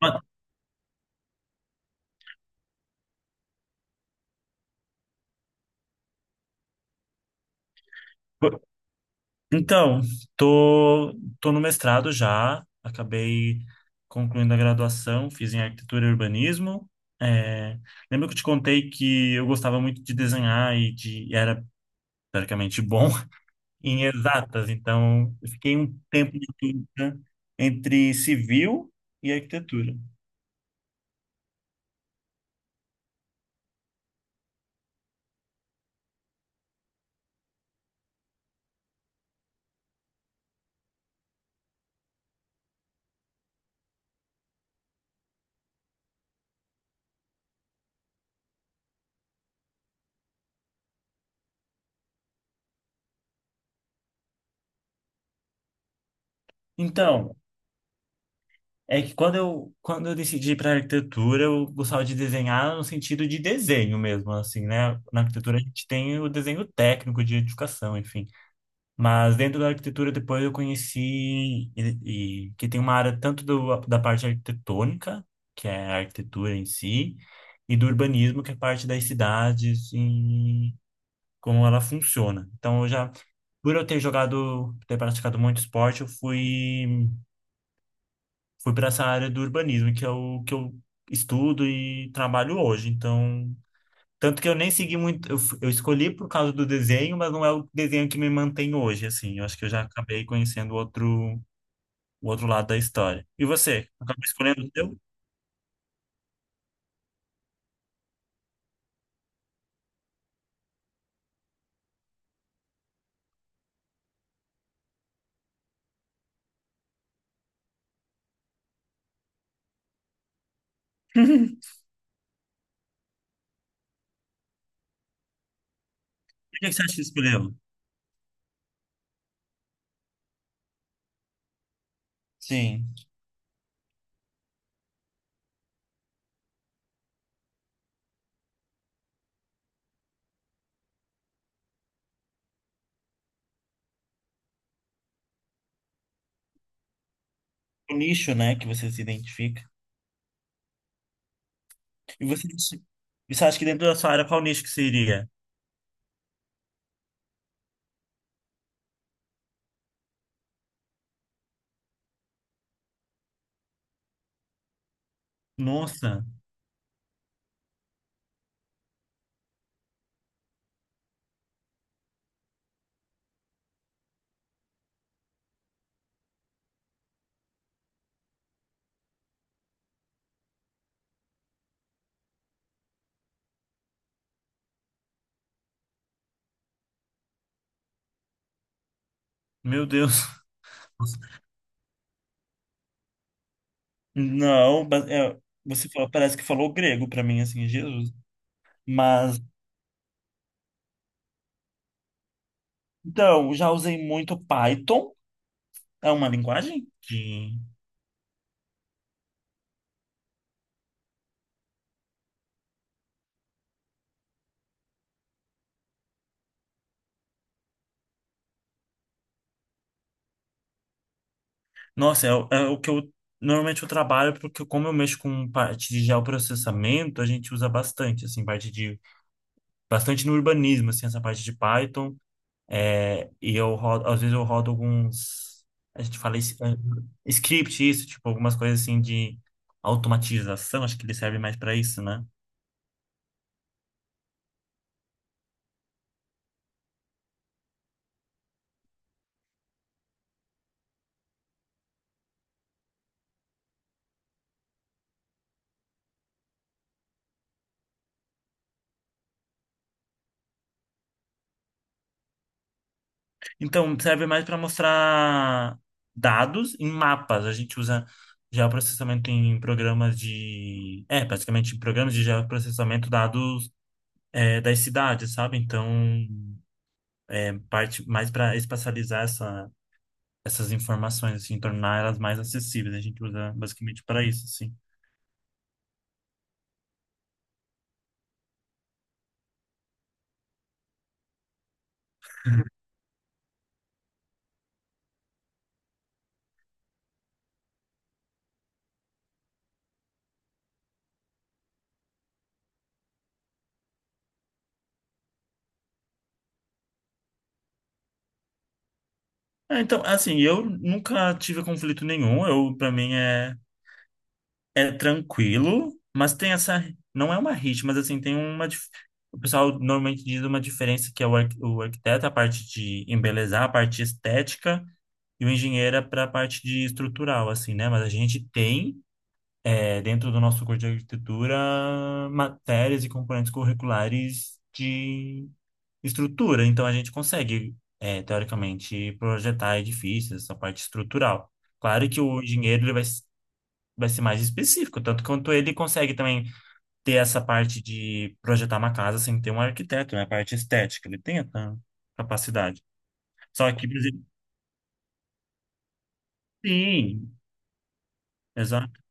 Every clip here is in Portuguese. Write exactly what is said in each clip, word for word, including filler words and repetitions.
Mas, pô, Então, tô, tô no mestrado já, acabei concluindo a graduação, fiz em arquitetura e urbanismo. É, Lembro que eu te contei que eu gostava muito de desenhar e de e era teoricamente bom em exatas, então eu fiquei um tempo de dúvida entre civil e arquitetura. Então, é que quando eu, quando eu decidi para arquitetura, eu gostava de desenhar no sentido de desenho mesmo, assim, né? Na arquitetura a gente tem o desenho técnico de educação enfim. Mas dentro da arquitetura depois eu conheci e, e- que tem uma área tanto do, da parte arquitetônica, que é a arquitetura em si, e do urbanismo, que é a parte das cidades e como ela funciona. Então eu já, por eu ter jogado, ter praticado muito esporte, eu fui fui para essa área do urbanismo, que é o que eu estudo e trabalho hoje. Então, tanto que eu nem segui muito, eu, f- eu escolhi por causa do desenho, mas não é o desenho que me mantém hoje, assim. Eu acho que eu já acabei conhecendo outro, o outro lado da história. E você, acabou escolhendo o seu? Por que que você acha que escolheu? Sim. O nicho, né, que você se identifica. E você, e você acha que dentro da sua área, qual nicho que seria? Nossa, meu Deus. Não, ba- é, você falou, parece que falou grego para mim, assim, Jesus. Mas então, já usei muito Python, é uma linguagem que, nossa, é, o é o que eu normalmente eu trabalho, porque como eu mexo com parte de geoprocessamento, a gente usa bastante, assim, parte de, bastante no urbanismo, assim, essa parte de Python, é, e eu rodo, às vezes eu rodo alguns, a gente fala is- é, script, isso, tipo, algumas coisas assim de automatização, acho que ele serve mais para isso, né? Então, serve mais para mostrar dados em mapas. A gente usa geoprocessamento em programas de. É, basicamente em programas de geoprocessamento dados, é, das cidades, sabe? Então, é parte mais para espacializar essa, essas informações, assim, tornar elas mais acessíveis. A gente usa basicamente para isso, assim. É, então, assim, eu nunca tive conflito nenhum. Eu, para mim, é. é tranquilo, mas tem essa. Não é uma rixa, mas assim, tem uma, dif- o pessoal normalmente diz uma diferença que é o, arqu- o arquiteto, a parte de embelezar, a parte estética, e o engenheiro é para a parte de estrutural, assim, né? Mas a gente tem, é, dentro do nosso curso de arquitetura, matérias e componentes curriculares de estrutura, então a gente consegue, é, teoricamente, projetar edifícios, essa parte estrutural. Claro que o engenheiro ele vai vai ser mais específico. Tanto quanto ele consegue também ter essa parte de projetar uma casa sem ter um arquiteto, né? A parte estética, ele tem essa capacidade. Só que, por exemplo, sim, exato.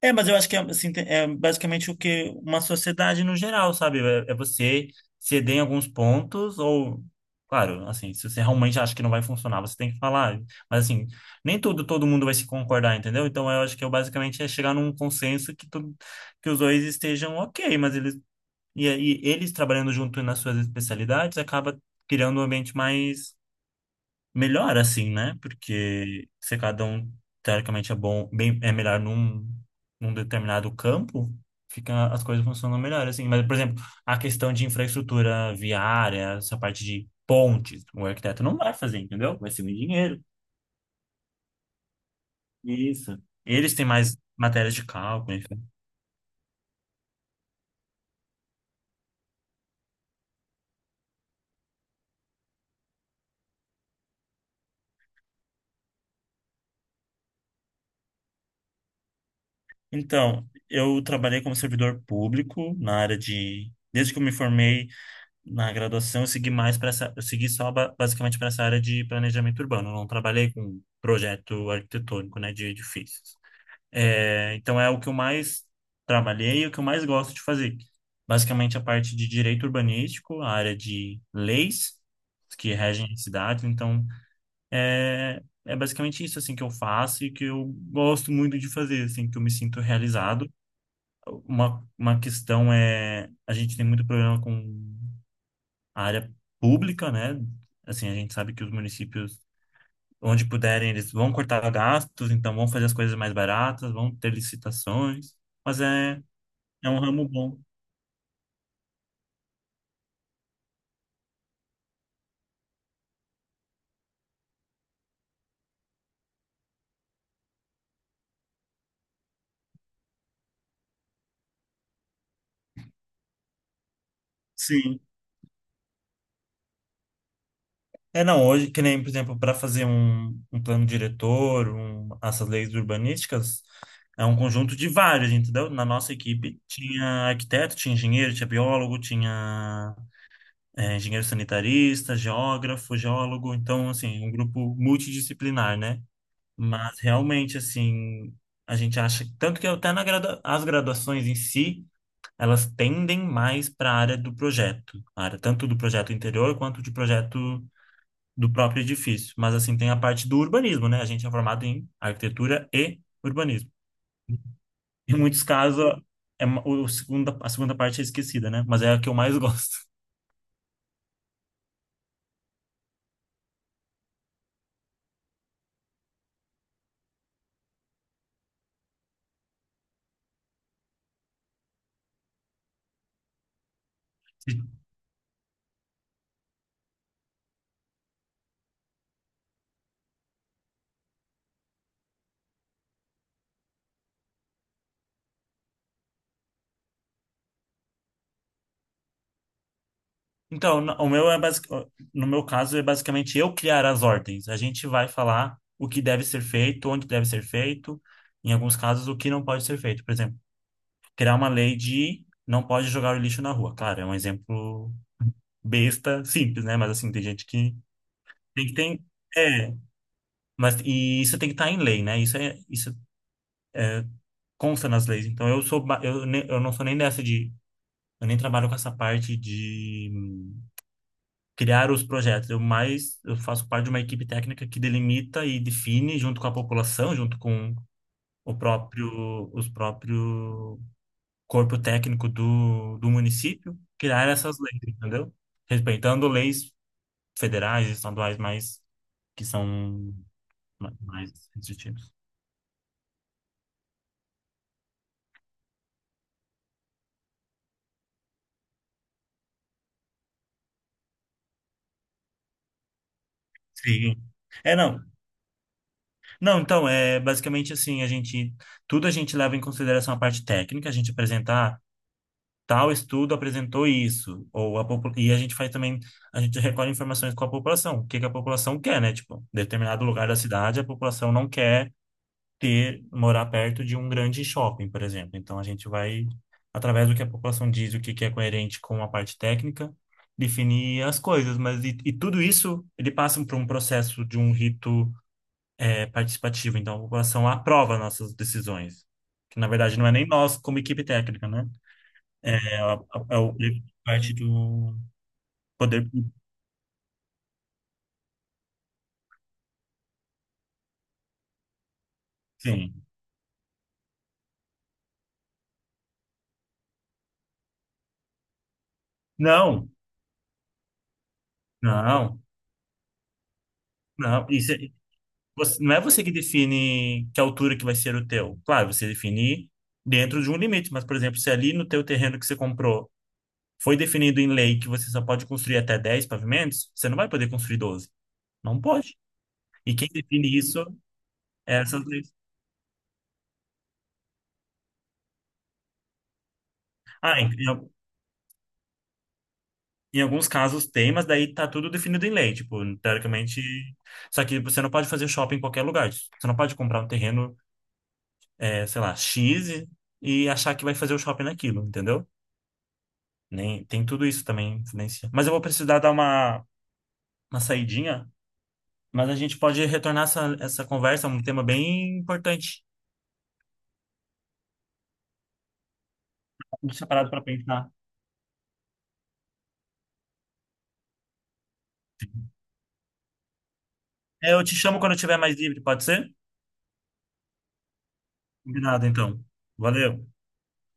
É, mas eu acho que é, assim, te- é basicamente o que uma sociedade no geral, sabe? É, é você ceder em alguns pontos ou. Claro, assim, se você realmente acha que não vai funcionar, você tem que falar. Mas, assim, nem tudo, todo mundo vai se concordar, entendeu? Então, eu acho que eu basicamente é chegar num consenso que, tu, que os dois estejam ok, mas eles. E aí, eles trabalhando junto nas suas especialidades, acaba criando um ambiente mais melhor, assim, né? Porque se cada um, teoricamente, é bom, bem, é melhor num, num determinado campo, fica, as coisas funcionam melhor, assim. Mas, por exemplo, a questão de infraestrutura viária, essa parte de pontes, o arquiteto não vai fazer, entendeu? Vai ser um engenheiro. Isso. Eles têm mais matérias de cálculo, enfim. Então, eu trabalhei como servidor público na área de. Desde que eu me formei, na graduação eu segui mais para essa, eu segui só ba- basicamente para essa área de planejamento urbano. Eu não trabalhei com projeto arquitetônico, né, de edifícios. É, então é o que eu mais trabalhei e o que eu mais gosto de fazer. Basicamente a parte de direito urbanístico, a área de leis que regem as cidades. Então é É basicamente isso assim que eu faço e que eu gosto muito de fazer, assim, que eu me sinto realizado. Uma, uma questão é, a gente tem muito problema com a área pública, né? Assim, a gente sabe que os municípios, onde puderem, eles vão cortar gastos, então vão fazer as coisas mais baratas, vão ter licitações, mas é, é um ramo bom. Sim. É, não, hoje, que nem, por exemplo, para fazer um, um plano diretor, um, essas leis urbanísticas, é um conjunto de vários, entendeu? Na nossa equipe tinha arquiteto, tinha engenheiro, tinha biólogo, tinha, é, engenheiro sanitarista, geógrafo, geólogo, então, assim, um grupo multidisciplinar, né? Mas realmente, assim, a gente acha. Tanto que até na gradua, as graduações em si, elas tendem mais para a área do projeto. A área tanto do projeto interior quanto de projeto do próprio edifício. Mas, assim, tem a parte do urbanismo, né? A gente é formado em arquitetura e urbanismo. Em muitos casos, é, é uma, o segunda, a segunda parte é esquecida, né? Mas é a que eu mais gosto. Então, na- o meu é basic... no meu caso é basicamente eu criar as ordens. A gente vai falar o que deve ser feito, onde deve ser feito, em alguns casos o que não pode ser feito. Por exemplo, criar uma lei de não pode jogar o lixo na rua. Claro, é um exemplo besta, simples, né? Mas assim, tem gente que tem que tem é, mas e isso tem que estar em lei, né? Isso é isso consta nas leis. Então eu sou ba- eu, ne- eu não sou nem dessa de, eu nem trabalho com essa parte de criar os projetos. Eu mais, eu faço parte de uma equipe técnica que delimita e define junto com a população, junto com o próprio, os próprio corpo técnico do, do município, criar essas leis, entendeu? Respeitando leis federais, estaduais, mais que são ma- mais restritivas. Sim. É, não. Não, então, é basicamente assim, a gente, tudo a gente leva em consideração a parte técnica, a gente apresenta, ah, tal estudo apresentou isso, ou a popu- e a gente faz também, a gente recolhe informações com a população, o que que a população quer, né? Tipo, determinado lugar da cidade, a população não quer ter, morar perto de um grande shopping, por exemplo. Então a gente vai, através do que a população diz, o que que é coerente com a parte técnica, definir as coisas, mas e, e tudo isso ele passa por um processo de um rito, é, participativo, então a população aprova nossas decisões, que na verdade não é nem nós como equipe técnica, né? É, a- a- é o livro de parte do poder público. Sim. Não, não, não. Isso é- você, não é você que define que altura que vai ser o teu. Claro, você define dentro de um limite, mas, por exemplo, se ali no teu terreno que você comprou foi definido em lei que você só pode construir até dez pavimentos, você não vai poder construir doze. Não pode. E quem define isso é essas leis. Ah, em, Em alguns casos tem, mas daí tá tudo definido em lei, tipo, teoricamente. Só que você não pode fazer shopping em qualquer lugar. Você não pode comprar um terreno, é, sei lá, X e e achar que vai fazer o shopping naquilo, entendeu? Nem, tem tudo isso também influencia. Mas eu vou precisar dar uma, uma saidinha, mas a gente pode retornar essa, essa conversa, é um tema bem importante. Deixa parado pra pensar. É, eu te chamo quando eu tiver mais livre, pode ser? Combinado, então. Valeu.